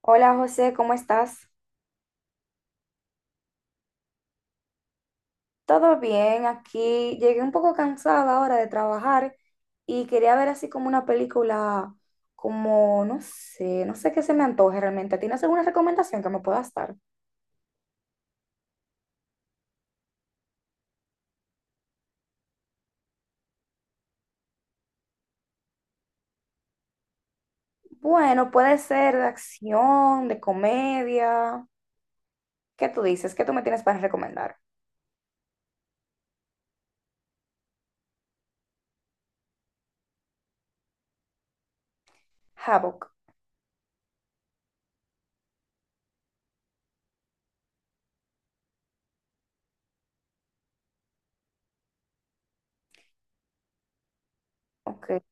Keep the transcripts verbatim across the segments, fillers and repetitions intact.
Hola José, ¿cómo estás? ¿Todo bien? Aquí llegué un poco cansada ahora de trabajar y quería ver así como una película, como no sé, no sé qué se me antoje realmente. ¿Tienes alguna recomendación que me puedas dar? Bueno, puede ser de acción, de comedia. ¿Qué tú dices? ¿Qué tú me tienes para recomendar? Havoc, ok.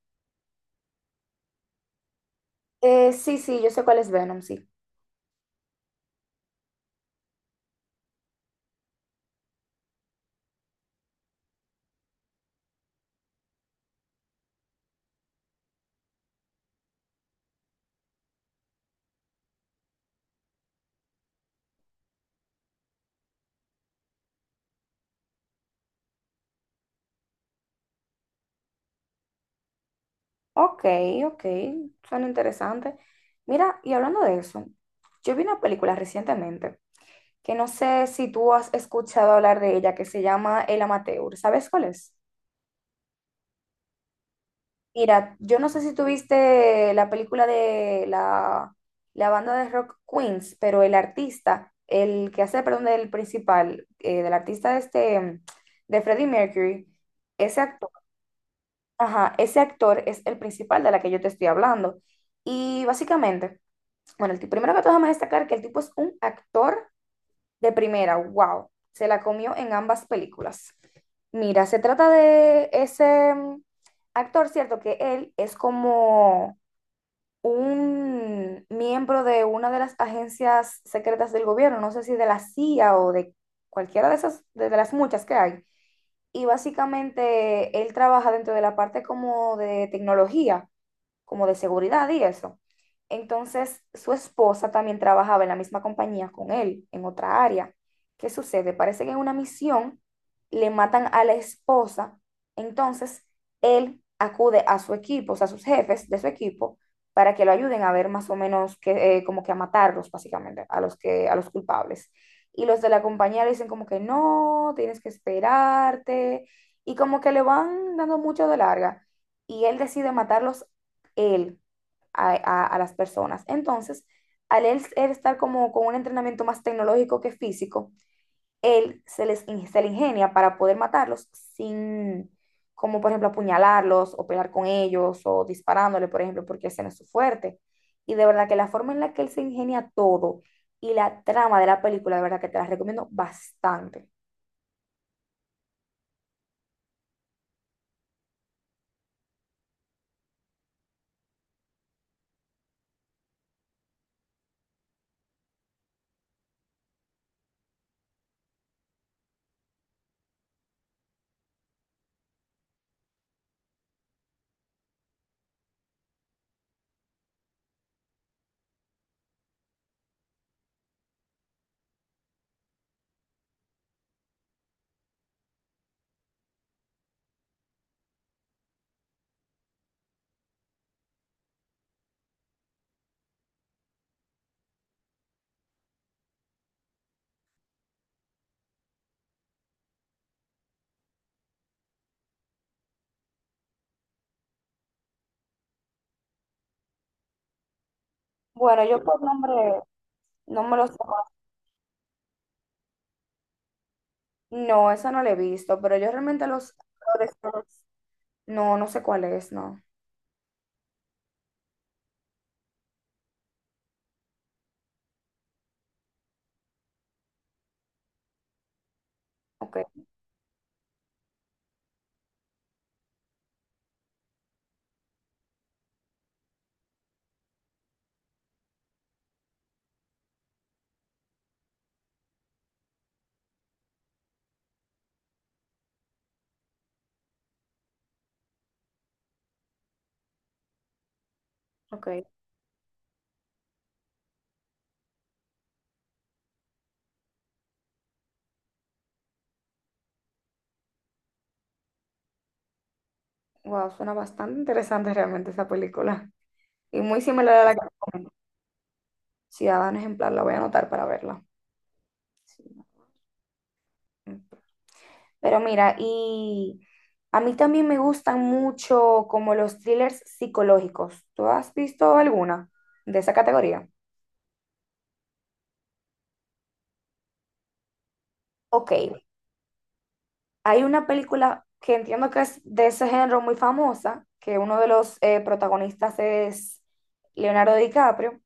Eh, sí, sí, yo sé cuál es Venom, sí. Ok, ok, suena interesante. Mira, y hablando de eso, yo vi una película recientemente que no sé si tú has escuchado hablar de ella, que se llama El Amateur. ¿Sabes cuál es? Mira, yo no sé si tuviste la película de la, la banda de rock Queens, pero el artista, el que hace, perdón, del principal, eh, del artista este, de Freddie Mercury, ese actor, ajá, ese actor es el principal de la que yo te estoy hablando. Y básicamente, bueno, el ti- primero que todo, déjame destacar que el tipo es un actor de primera, wow, se la comió en ambas películas. Mira, se trata de ese mm, actor, ¿cierto? Que él es como un miembro de una de las agencias secretas del gobierno, no sé si de la C I A o de cualquiera de esas, de de las muchas que hay. Y básicamente él trabaja dentro de la parte como de tecnología como de seguridad y eso. Entonces, su esposa también trabajaba en la misma compañía con él, en otra área. ¿Qué sucede? Parece que en una misión le matan a la esposa, entonces él acude a su equipo, o sea, a sus jefes de su equipo, para que lo ayuden a ver más o menos que, eh, como que a matarlos, básicamente, a los, que, a los culpables. Y los de la compañía le dicen como que no, tienes que esperarte, y como que le van dando mucho de larga. Y él decide matarlos él a, a- a las personas. Entonces, al él, él estar como con un entrenamiento más tecnológico que físico, él se les se le ingenia para poder matarlos sin, como por ejemplo apuñalarlos o pelear con ellos o disparándole, por ejemplo, porque ese no es su fuerte. Y de verdad que la forma en la que él se ingenia todo y la trama de la película, de verdad que te la recomiendo bastante. Bueno, yo por nombre no me los... No, esa no la he visto, pero yo realmente los actores no, no sé cuál es, no. Ok, ok. Wow, suena bastante interesante realmente esa película. Y muy similar a la que recomiendo. Ciudadano Ejemplar, la voy a anotar para verla. Sí. No. Pero mira, y a mí también me gustan mucho como los thrillers psicológicos. ¿Tú has visto alguna de esa categoría? Ok, hay una película que entiendo que es de ese género muy famosa, que uno de los eh, protagonistas es Leonardo DiCaprio,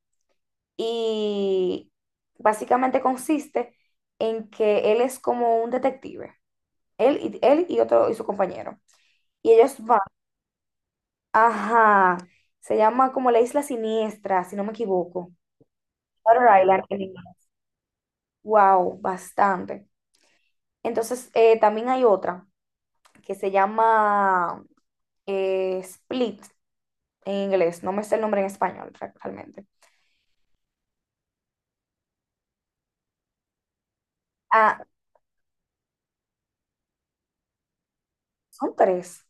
y básicamente consiste en que él es como un detective, él y, él y otro y su compañero. Y ellos van, ajá, se llama como la Isla Siniestra, si no me equivoco. Shutter Island en inglés. Wow, bastante. Entonces, eh, también hay otra que se llama eh, Split en inglés, no me sé el nombre en español re- realmente. Ah, son tres.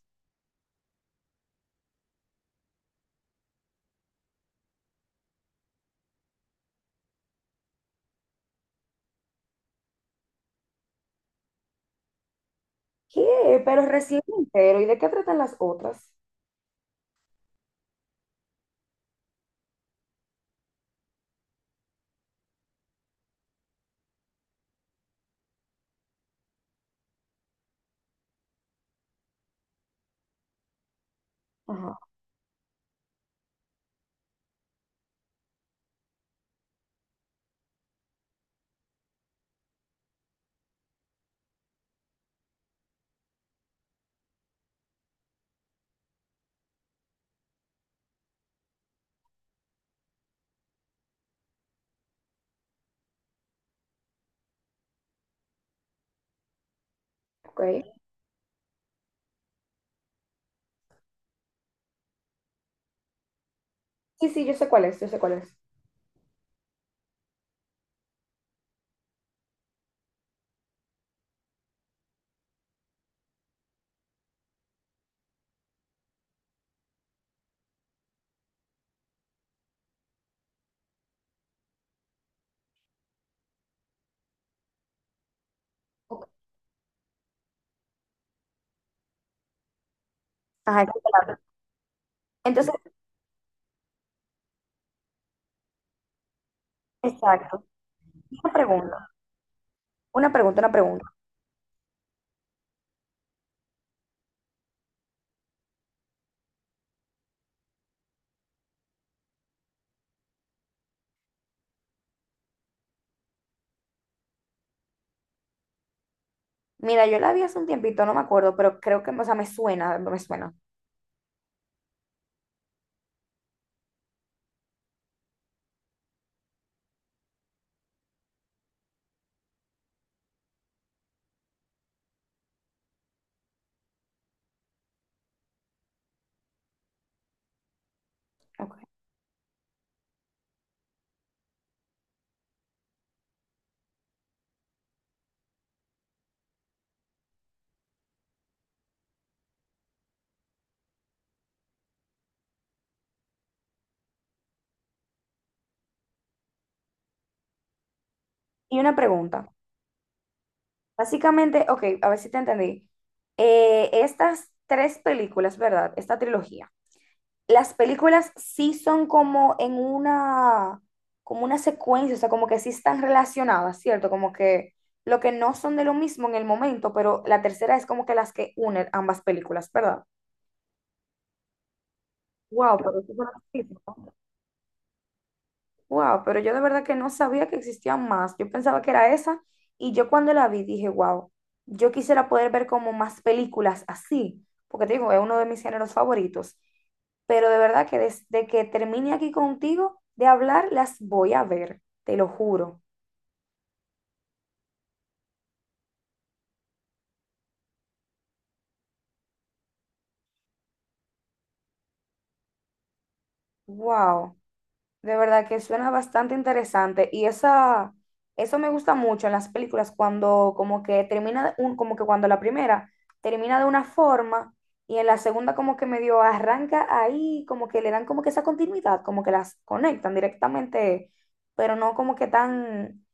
¿Qué? Pero recién entero. ¿Y de qué tratan las otras? Ajá, ok. Sí, sí, yo sé cuál es, yo sé cuál es. Ok. Ajá, es saludable. Entonces, exacto. Una pregunta, una pregunta, una pregunta. Mira, yo la vi hace un tiempito, no me acuerdo, pero creo que, o sea, me suena, me suena. Ok. Y una pregunta. Básicamente, ok, a ver si te entendí. Eh, estas tres películas, ¿verdad? Esta trilogía. Las películas sí son como en una, como una secuencia, o sea, como que sí están relacionadas, ¿cierto? Como que lo que no son de lo mismo en el momento, pero la tercera es como que las que unen ambas películas, ¿verdad? Wow, pero eso es una. Wow, pero yo de verdad que no sabía que existían más. Yo pensaba que era esa y yo cuando la vi dije, wow, yo quisiera poder ver como más películas así, porque te digo, es uno de mis géneros favoritos. Pero de verdad que desde que termine aquí contigo de hablar, las voy a ver, te lo juro. Wow. De verdad que suena bastante interesante y esa, eso me gusta mucho en las películas cuando como que termina, de un, como que cuando la primera termina de una forma y en la segunda como que medio arranca ahí, como que le dan como que esa continuidad, como que las conectan directamente, pero no como que tan,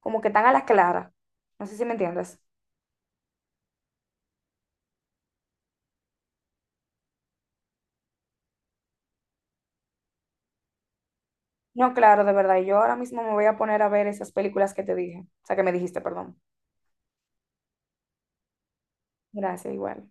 como que tan a la clara. No sé si me entiendes. No, claro, de verdad, yo ahora mismo me voy a poner a ver esas películas que te dije, o sea, que me dijiste, perdón. Gracias, igual.